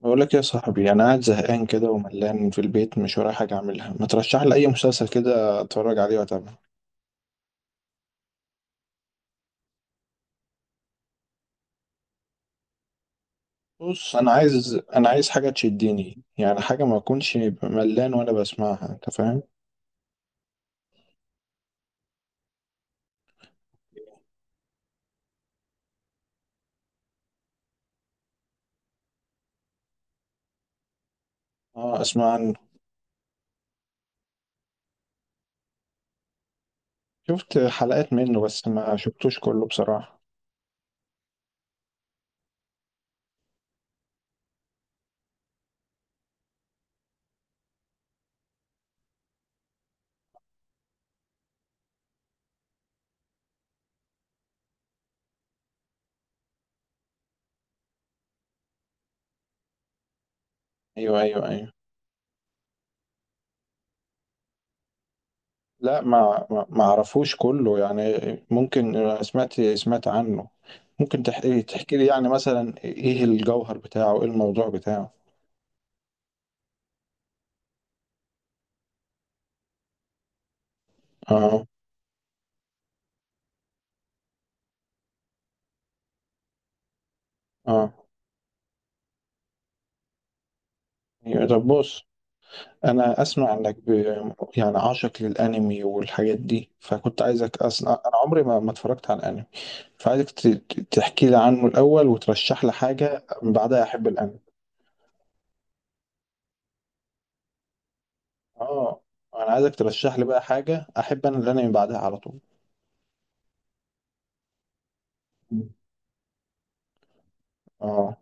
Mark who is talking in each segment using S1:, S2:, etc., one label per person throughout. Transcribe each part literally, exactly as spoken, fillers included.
S1: بقول لك يا صاحبي، انا قاعد زهقان كده وملان في البيت، مش ورايا حاجه اعملها. ما ترشح لي اي مسلسل كده اتفرج عليه واتابعه. بص، انا عايز، انا عايز حاجه تشدني، يعني حاجه ما اكونش ملان وانا بسمعها. انت فاهم؟ اه، اسمع عنه. شفت حلقات منه بس ما شفتوش كله بصراحه. ايوه، ايوه، ايوه. لا، ما ما ما اعرفوش كله يعني. ممكن أنا سمعت سمعت عنه. ممكن تحكي تحكي لي يعني مثلا ايه الجوهر بتاعه، ايه الموضوع بتاعه؟ اه، اه. أيوة، طب بص، انا اسمع انك ب... يعني عاشق للانمي والحاجات دي، فكنت عايزك. اصلا انا عمري ما ما اتفرجت على الانمي. فعايزك ت... ت- تحكي لي عنه الاول وترشح لي حاجه من بعدها احب الانمي. اه، انا عايزك ترشح لي بقى حاجه احب انا الانمي بعدها على طول. اه،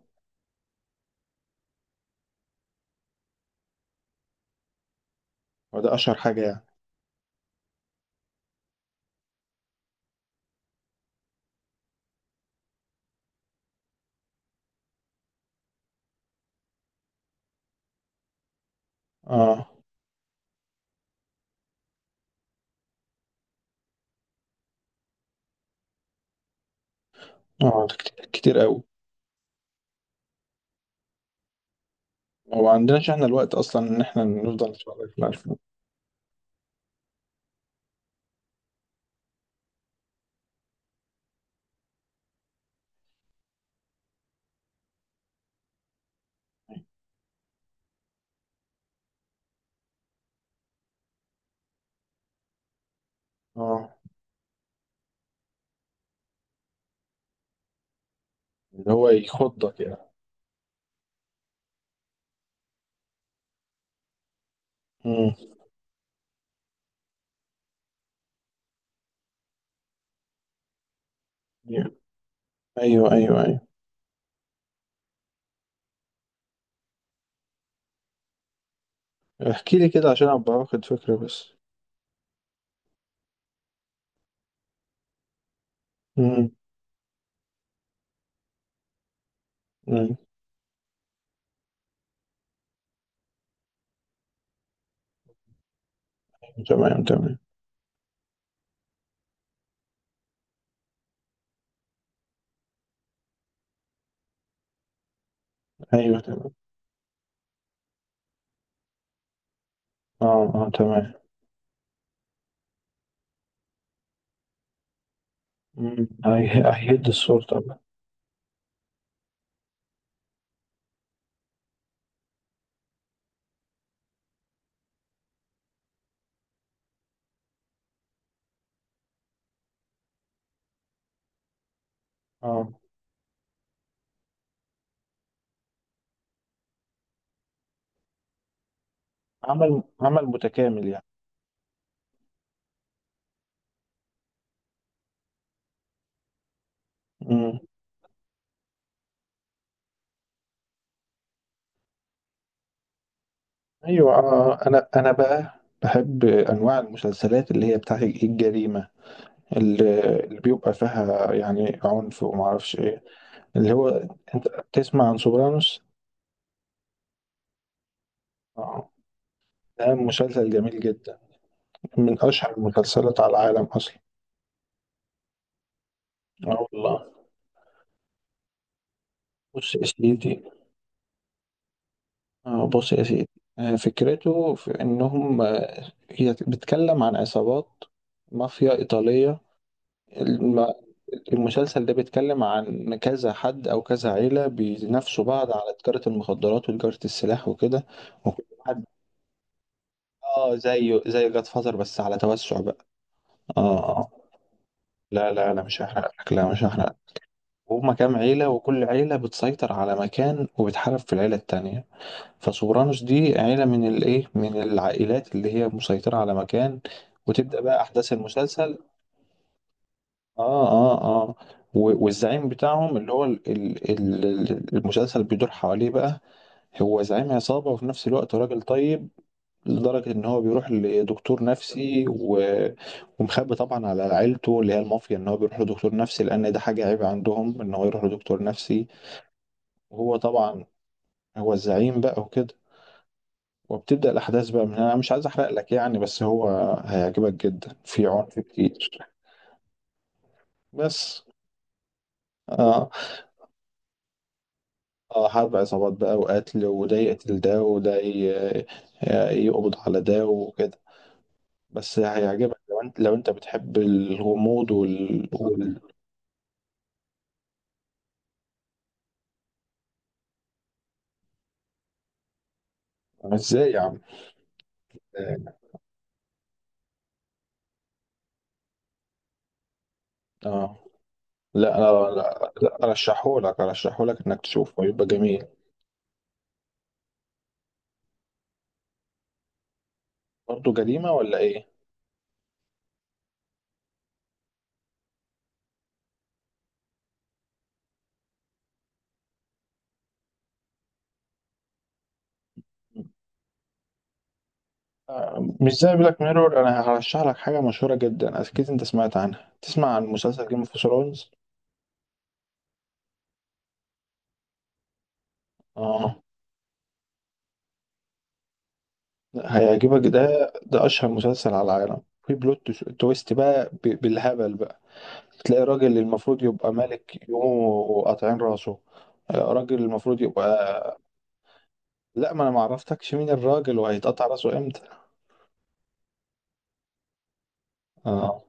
S1: وده اشهر حاجه يعني؟ اه، اه، ده كتير، كتير قوي. هو عندناش احنا الوقت اصلا ان احنا نفضل نتفرج في الألفون. اه، اللي هو يخضك يعني. امم. ايوه، ايوه، ايوه. احكي لي كده عشان ابقى واخد فكره بس. مم. مم. تمام، تمام. ايوه، تمام. اه، اه، تمام. مم. هي- هيهد الصورة طبعا. اه، عمل، عمل متكامل يعني. مم. ايوه، آه، انا انا بقى بحب انواع المسلسلات اللي هي بتاع الجريمه. اللي, اللي بيبقى فيها يعني عنف وما اعرفش ايه. اللي هو، انت تسمع عن سوبرانوس؟ اه، ده مسلسل جميل جدا، من اشهر المسلسلات على العالم اصلا. اه والله، بص يا سيدي. آه، بص يا سيدي. آه، فكرته في انهم، آه، هي بتتكلم عن عصابات، مافيا ايطاليه. الم- المسلسل ده بيتكلم عن كذا حد او كذا عيله بينافسوا بعض على تجاره المخدرات وتجاره السلاح وكده. وكل حد، اه زيه زي جاد فازر بس على توسع بقى. اه، آه. لا لا لا، مش هحرق لك، لا مش هحرق. هما كام عيله وكل عيله بتسيطر على مكان وبتحارب في العيله التانيه. فسوبرانوس دي عيلة من الايه، من العائلات اللي هي مسيطرة على مكان، وتبدأ بقى أحداث المسلسل. اه، اه، اه. و- والزعيم بتاعهم اللي هو ال- ال- ال- المسلسل بيدور حواليه بقى، هو زعيم عصابة وفي نفس الوقت راجل طيب. لدرجة إن هو بيروح لدكتور نفسي و- ومخبي طبعا على عيلته اللي هي المافيا إن هو بيروح لدكتور نفسي، لأن ده حاجة عيب عندهم إن هو يروح لدكتور نفسي. وهو طبعا هو الزعيم بقى وكده. وبتبدأ الأحداث بقى من هنا. أنا مش عايز أحرق لك يعني، بس هو هيعجبك جدا. في عنف كتير بس. آه, آه، حرب عصابات بقى وقتل، وده يقتل ده، وده ي- آه، يقبض على ده وكده. بس هيعجبك لو أنت، لو أنت بتحب الغموض وال, وال... إزاي يا عم؟ آه. لا لا لا، لا أرشحهولك، أرشحهولك إنك تشوفه، يبقى جميل. برضه جريمة ولا إيه؟ مش زي بلاك ميرور، انا هرشح لك حاجه مشهوره جدا اكيد انت سمعت عنها. تسمع عن مسلسل جيم اوف ثرونز؟ اه، هيعجبك ده. ده اشهر مسلسل على العالم، في بلوت تش- تويست بقى ب- بالهبل بقى. تلاقي راجل اللي المفروض يبقى ملك يقوموا قاطعين راسه. آه، راجل المفروض يبقى. لا، ما انا ما عرفتكش مين الراجل وهيتقطع راسه امتى. اه،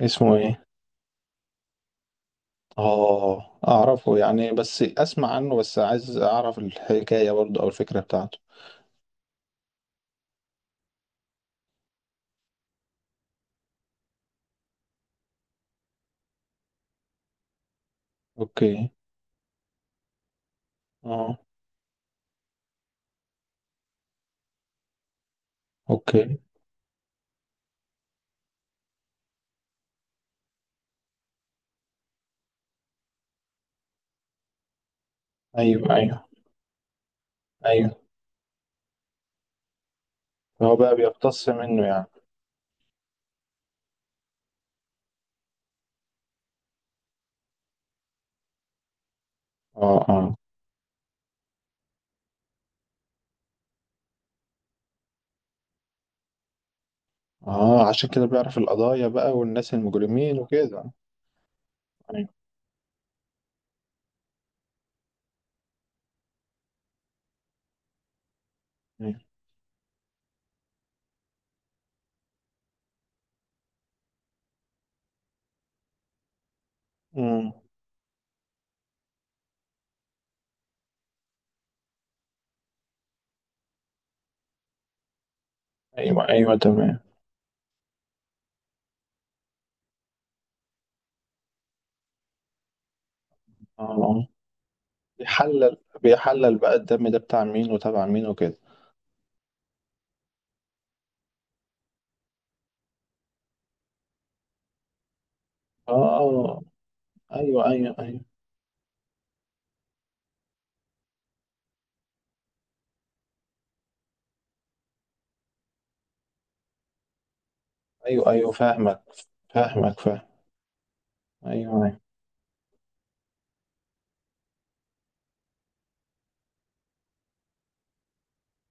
S1: اسمه ايه؟ اه، اعرفه يعني، بس اسمع عنه بس. عايز اعرف الحكايه برضه او الفكره بتاعته. اوكي. اه. اوكي. ايوه، ايوه، ايوه. فهو بقى بيقتص منه يعني؟ اه، اه، اه، عشان كده بيعرف القضايا بقى والناس المجرمين وكده. ايوه، ايوه. امم. ايوه، ايوه، تمام. اه، آه. بيحلل، بيحلل بقى الدم ده بتاع مين وتبع مين وكده. اه، آه. ايوه، ايوه، ايوه. ايوه، ايوه، فاهمك، فاهمك، فاهم. ايوه، ايوه.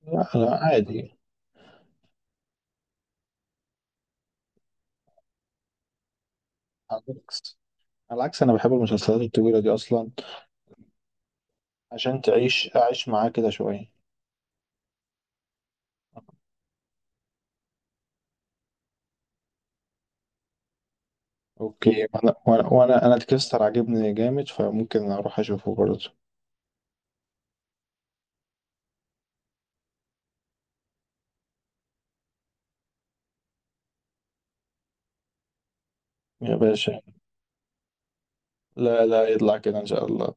S1: لا لا، عادي. على العكس، على العكس، انا بحب المسلسلات الطويلة دي اصلا. عشان تعيش، اعيش معاه كده شوية. اوكي، وانا وانا وانا انا تكستر عاجبني جامد، فممكن اروح اشوفه برضه. يا باشا، لا لا، يطلع كده ان شاء الله.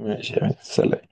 S1: ماشي، يا سلام.